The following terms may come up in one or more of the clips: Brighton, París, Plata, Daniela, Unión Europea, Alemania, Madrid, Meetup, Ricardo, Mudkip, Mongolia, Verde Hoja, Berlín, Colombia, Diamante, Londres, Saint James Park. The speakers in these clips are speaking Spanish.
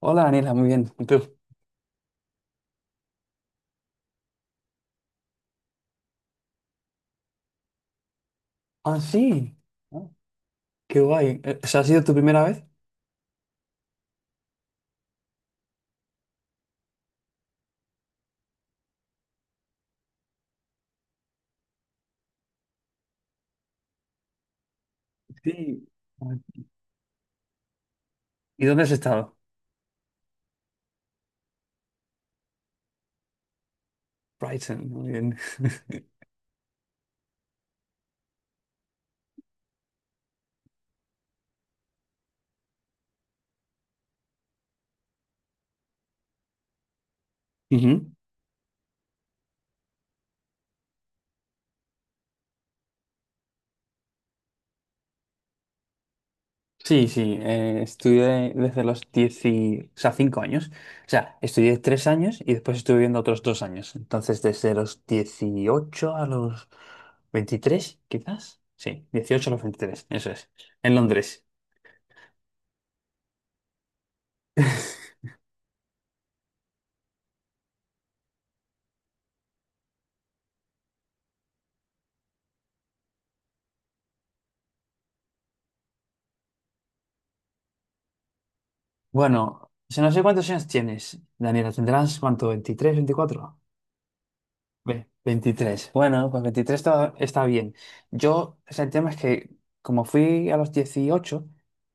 Hola, Daniela, muy bien. ¿Y tú? Ah, sí. Ah, qué guay. ¿O sea, ha sido tu primera vez? Sí. Ah, ¿y dónde has estado? Brighton, muy bien. Ujú. Sí, sí, estudié desde los 10 y, o sea, 5 años. O sea, estudié 3 años y después estuve viendo otros 2 años. Entonces, desde los 18 a los 23, quizás. Sí, 18 a los veintitrés, eso es, en Londres. Bueno, o sea, no sé cuántos años tienes, Daniela, ¿tendrás cuánto? ¿23, 24? 23. Bueno, pues 23 está bien. Yo, o sea, el tema es que como fui a los 18,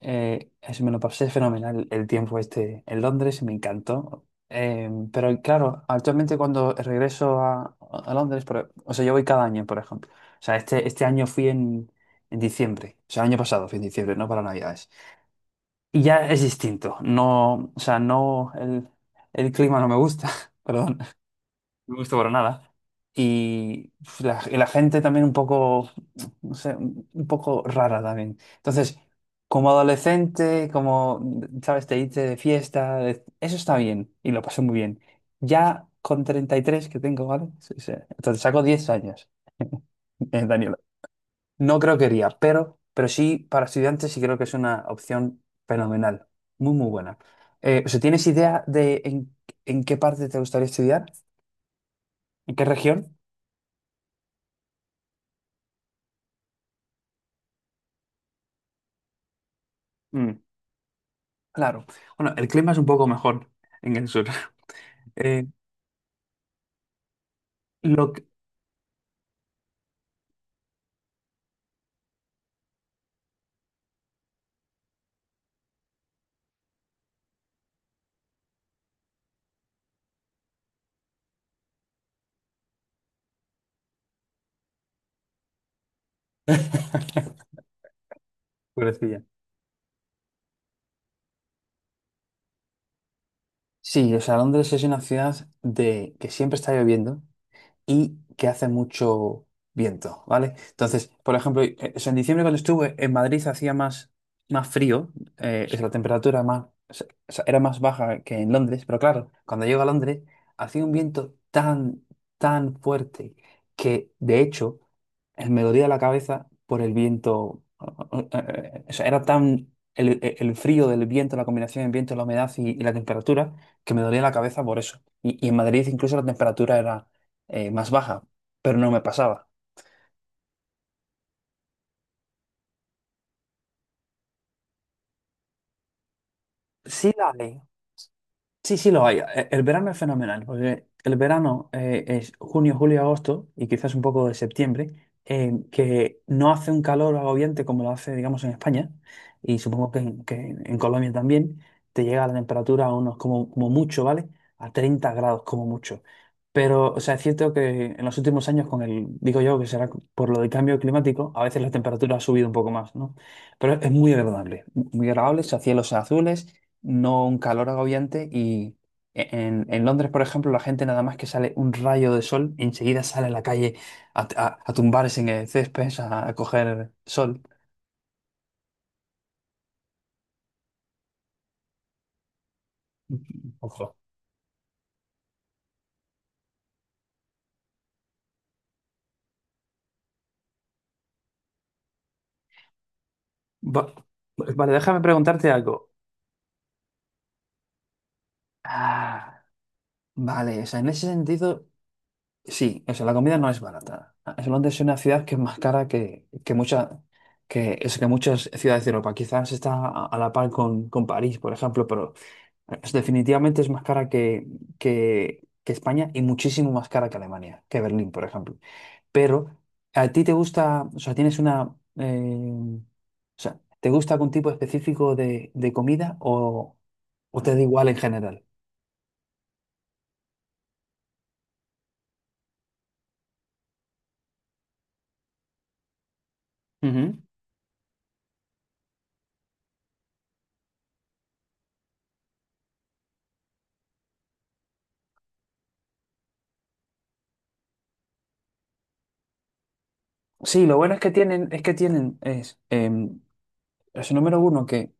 me lo pasé fenomenal el tiempo este en Londres y me encantó. Pero claro, actualmente cuando regreso a Londres, o sea, yo voy cada año, por ejemplo. O sea, este año fui en, diciembre, o sea, año pasado fui en diciembre, no para Navidades. Y ya es distinto, no, o sea, no, el clima no me gusta, perdón. No me gustó para nada. Y uf, y la gente también un poco, no sé, un poco rara también. Entonces, como adolescente, como, ¿sabes? Te irte de fiesta, eso está bien y lo pasé muy bien. Ya con 33 que tengo, ¿vale? Sí, sí. Entonces saco 10 años, Daniela. No creo que iría, pero, sí, para estudiantes sí creo que es una opción fenomenal, muy, muy buena. O sea, ¿tienes idea de en, qué parte te gustaría estudiar? ¿En qué región? Claro. Bueno, el clima es un poco mejor en el sur. Eh, lo que... Pobrecilla. Sí, o sea, Londres es una ciudad de que siempre está lloviendo y que hace mucho viento, ¿vale? Entonces, por ejemplo, o sea, en diciembre cuando estuve en Madrid hacía más, más frío, o la temperatura más, o sea, era más baja que en Londres, pero claro, cuando llego a Londres hacía un viento tan, tan fuerte que de hecho me dolía la cabeza por el viento. eh, eh, o sea, era tan... el frío del viento, la combinación del viento, la humedad y la temperatura, que me dolía la cabeza por eso. Y en Madrid incluso la temperatura era, más baja, pero no me pasaba. Sí la hay. Sí, sí lo hay. El verano es fenomenal, porque el verano es junio, julio, agosto y quizás un poco de septiembre, que no hace un calor agobiante como lo hace, digamos, en España, y supongo que en, en Colombia también te llega la temperatura a unos como mucho, ¿vale? A 30 grados como mucho. Pero, o sea, es cierto que en los últimos años, con el, digo yo que será por lo del cambio climático, a veces la temperatura ha subido un poco más, ¿no? Pero es muy agradable, o sea, cielos azules, no un calor agobiante, y en, Londres, por ejemplo, la gente nada más que sale un rayo de sol, enseguida sale a la calle, a tumbarse en el césped, a coger sol. Ojo. Va- vale, déjame preguntarte algo. Ah, vale, o sea, en ese sentido, sí, o sea, la comida no es barata. Londres es una ciudad que es más cara que muchas que muchas ciudades de Europa. Quizás está a la par con París, por ejemplo, pero definitivamente es más cara que, que España y muchísimo más cara que Alemania, que Berlín, por ejemplo. Pero a ti te gusta, o sea, tienes o sea, ¿te gusta algún tipo específico de comida o te da igual en general? Ujú. Sí, lo bueno es que es el número uno que,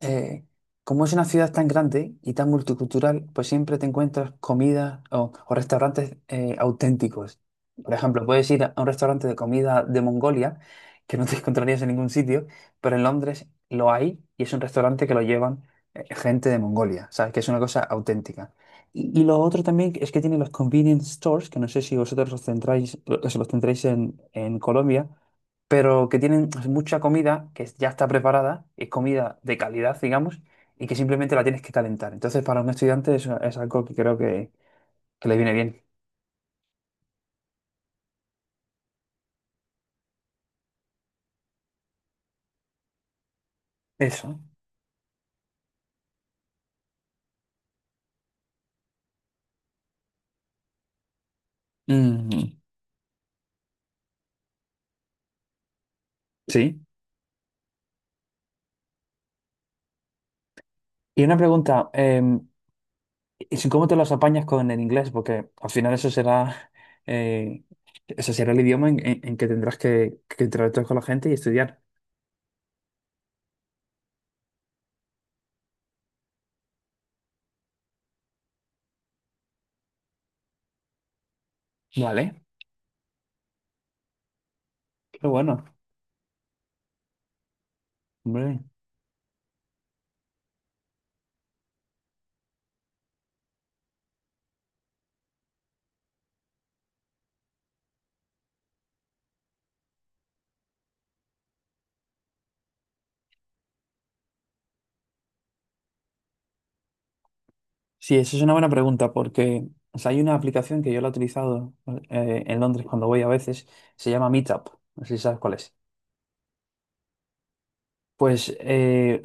eh, como es una ciudad tan grande y tan multicultural, pues siempre te encuentras comida o, restaurantes auténticos. Por ejemplo, puedes ir a un restaurante de comida de Mongolia, que no te encontrarías en ningún sitio, pero en Londres lo hay y es un restaurante que lo llevan, gente de Mongolia, ¿sabes? Que es una cosa auténtica. Y lo otro también es que tiene los convenience stores, que no sé si vosotros los centráis, los tendréis en Colombia, pero que tienen pues mucha comida que ya está preparada, es comida de calidad, digamos, y que simplemente la tienes que calentar. Entonces, para un estudiante es algo que creo que le viene bien. Eso. Mm, sí. Y una pregunta, ¿cómo te los apañas con el inglés? Porque al final eh, eso será el idioma en, en que tendrás que interactuar con la gente y estudiar. Vale, qué bueno, hombre. Sí, eso es una buena pregunta porque, o sea, hay una aplicación que yo la he utilizado, en Londres cuando voy a veces. Se llama Meetup, no sé si sabes cuál es. Pues,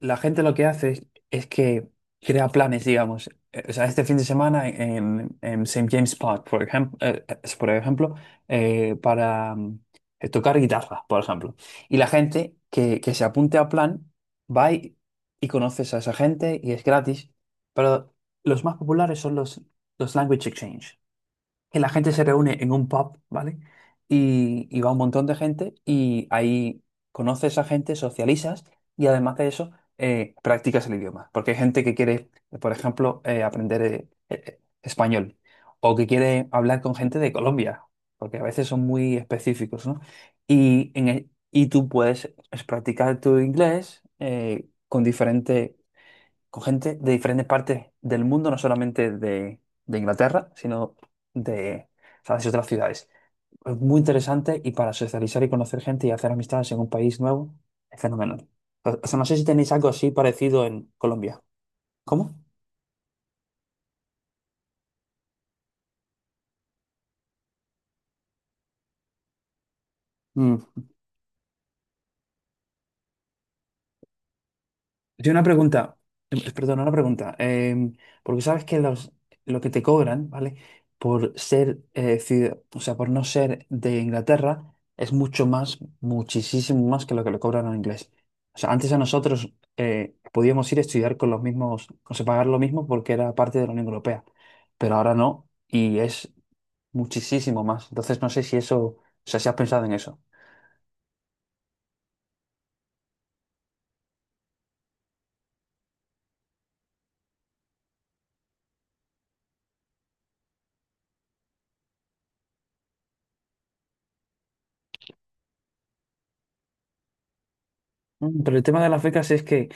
la gente lo que hace es que crea planes, digamos. O sea, este fin de semana en, Saint James Park, por ejemplo, por ejemplo para tocar guitarra, por ejemplo. Y la gente que se apunte a plan va y conoces a esa gente y es gratis. Pero los más populares son los Language Exchange, que la gente se reúne en un pub, ¿vale? Y va un montón de gente y ahí conoces a gente, socializas y además de eso, practicas el idioma. Porque hay gente que quiere, por ejemplo, aprender, español, o que quiere hablar con gente de Colombia, porque a veces son muy específicos, ¿no? Y, y tú puedes es practicar tu inglés, con diferentes con gente de diferentes partes del mundo, no solamente de Inglaterra, sino de, ¿sabes?, otras ciudades. Es muy interesante, y para socializar y conocer gente y hacer amistades en un país nuevo, es fenomenal. O sea, no sé si tenéis algo así parecido en Colombia. ¿Cómo? Yo una pregunta, perdón, una pregunta, porque sabes que lo que te cobran, ¿vale? Por ser, o sea, por no ser de Inglaterra, es mucho más, muchísimo más que lo que le cobran a un inglés. O sea, antes a nosotros, podíamos ir a estudiar con los mismos, o sea, pagar lo mismo porque era parte de la Unión Europea, pero ahora no, y es muchísimo más. Entonces, no sé si eso, o sea, si has pensado en eso. Pero el tema de las becas es que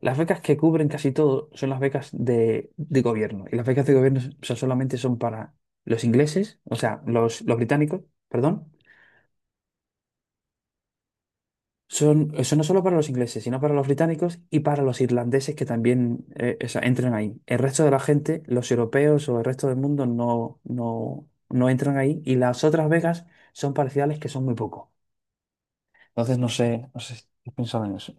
las becas que cubren casi todo son las becas de gobierno. Y las becas de gobierno, o sea, solamente son para los ingleses, o sea, los británicos, perdón. Eso no solo para los ingleses, sino para los británicos y para los irlandeses que también, o sea, entran ahí. El resto de la gente, los europeos o el resto del mundo, no, no, no entran ahí. Y las otras becas son parciales, que son muy poco. Entonces, no sé, si has pensado en eso.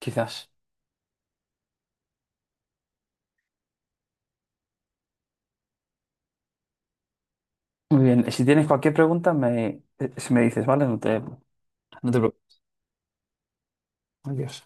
Quizás. Muy bien, si tienes cualquier pregunta, si me dices, ¿vale? No te preocupes. Adiós.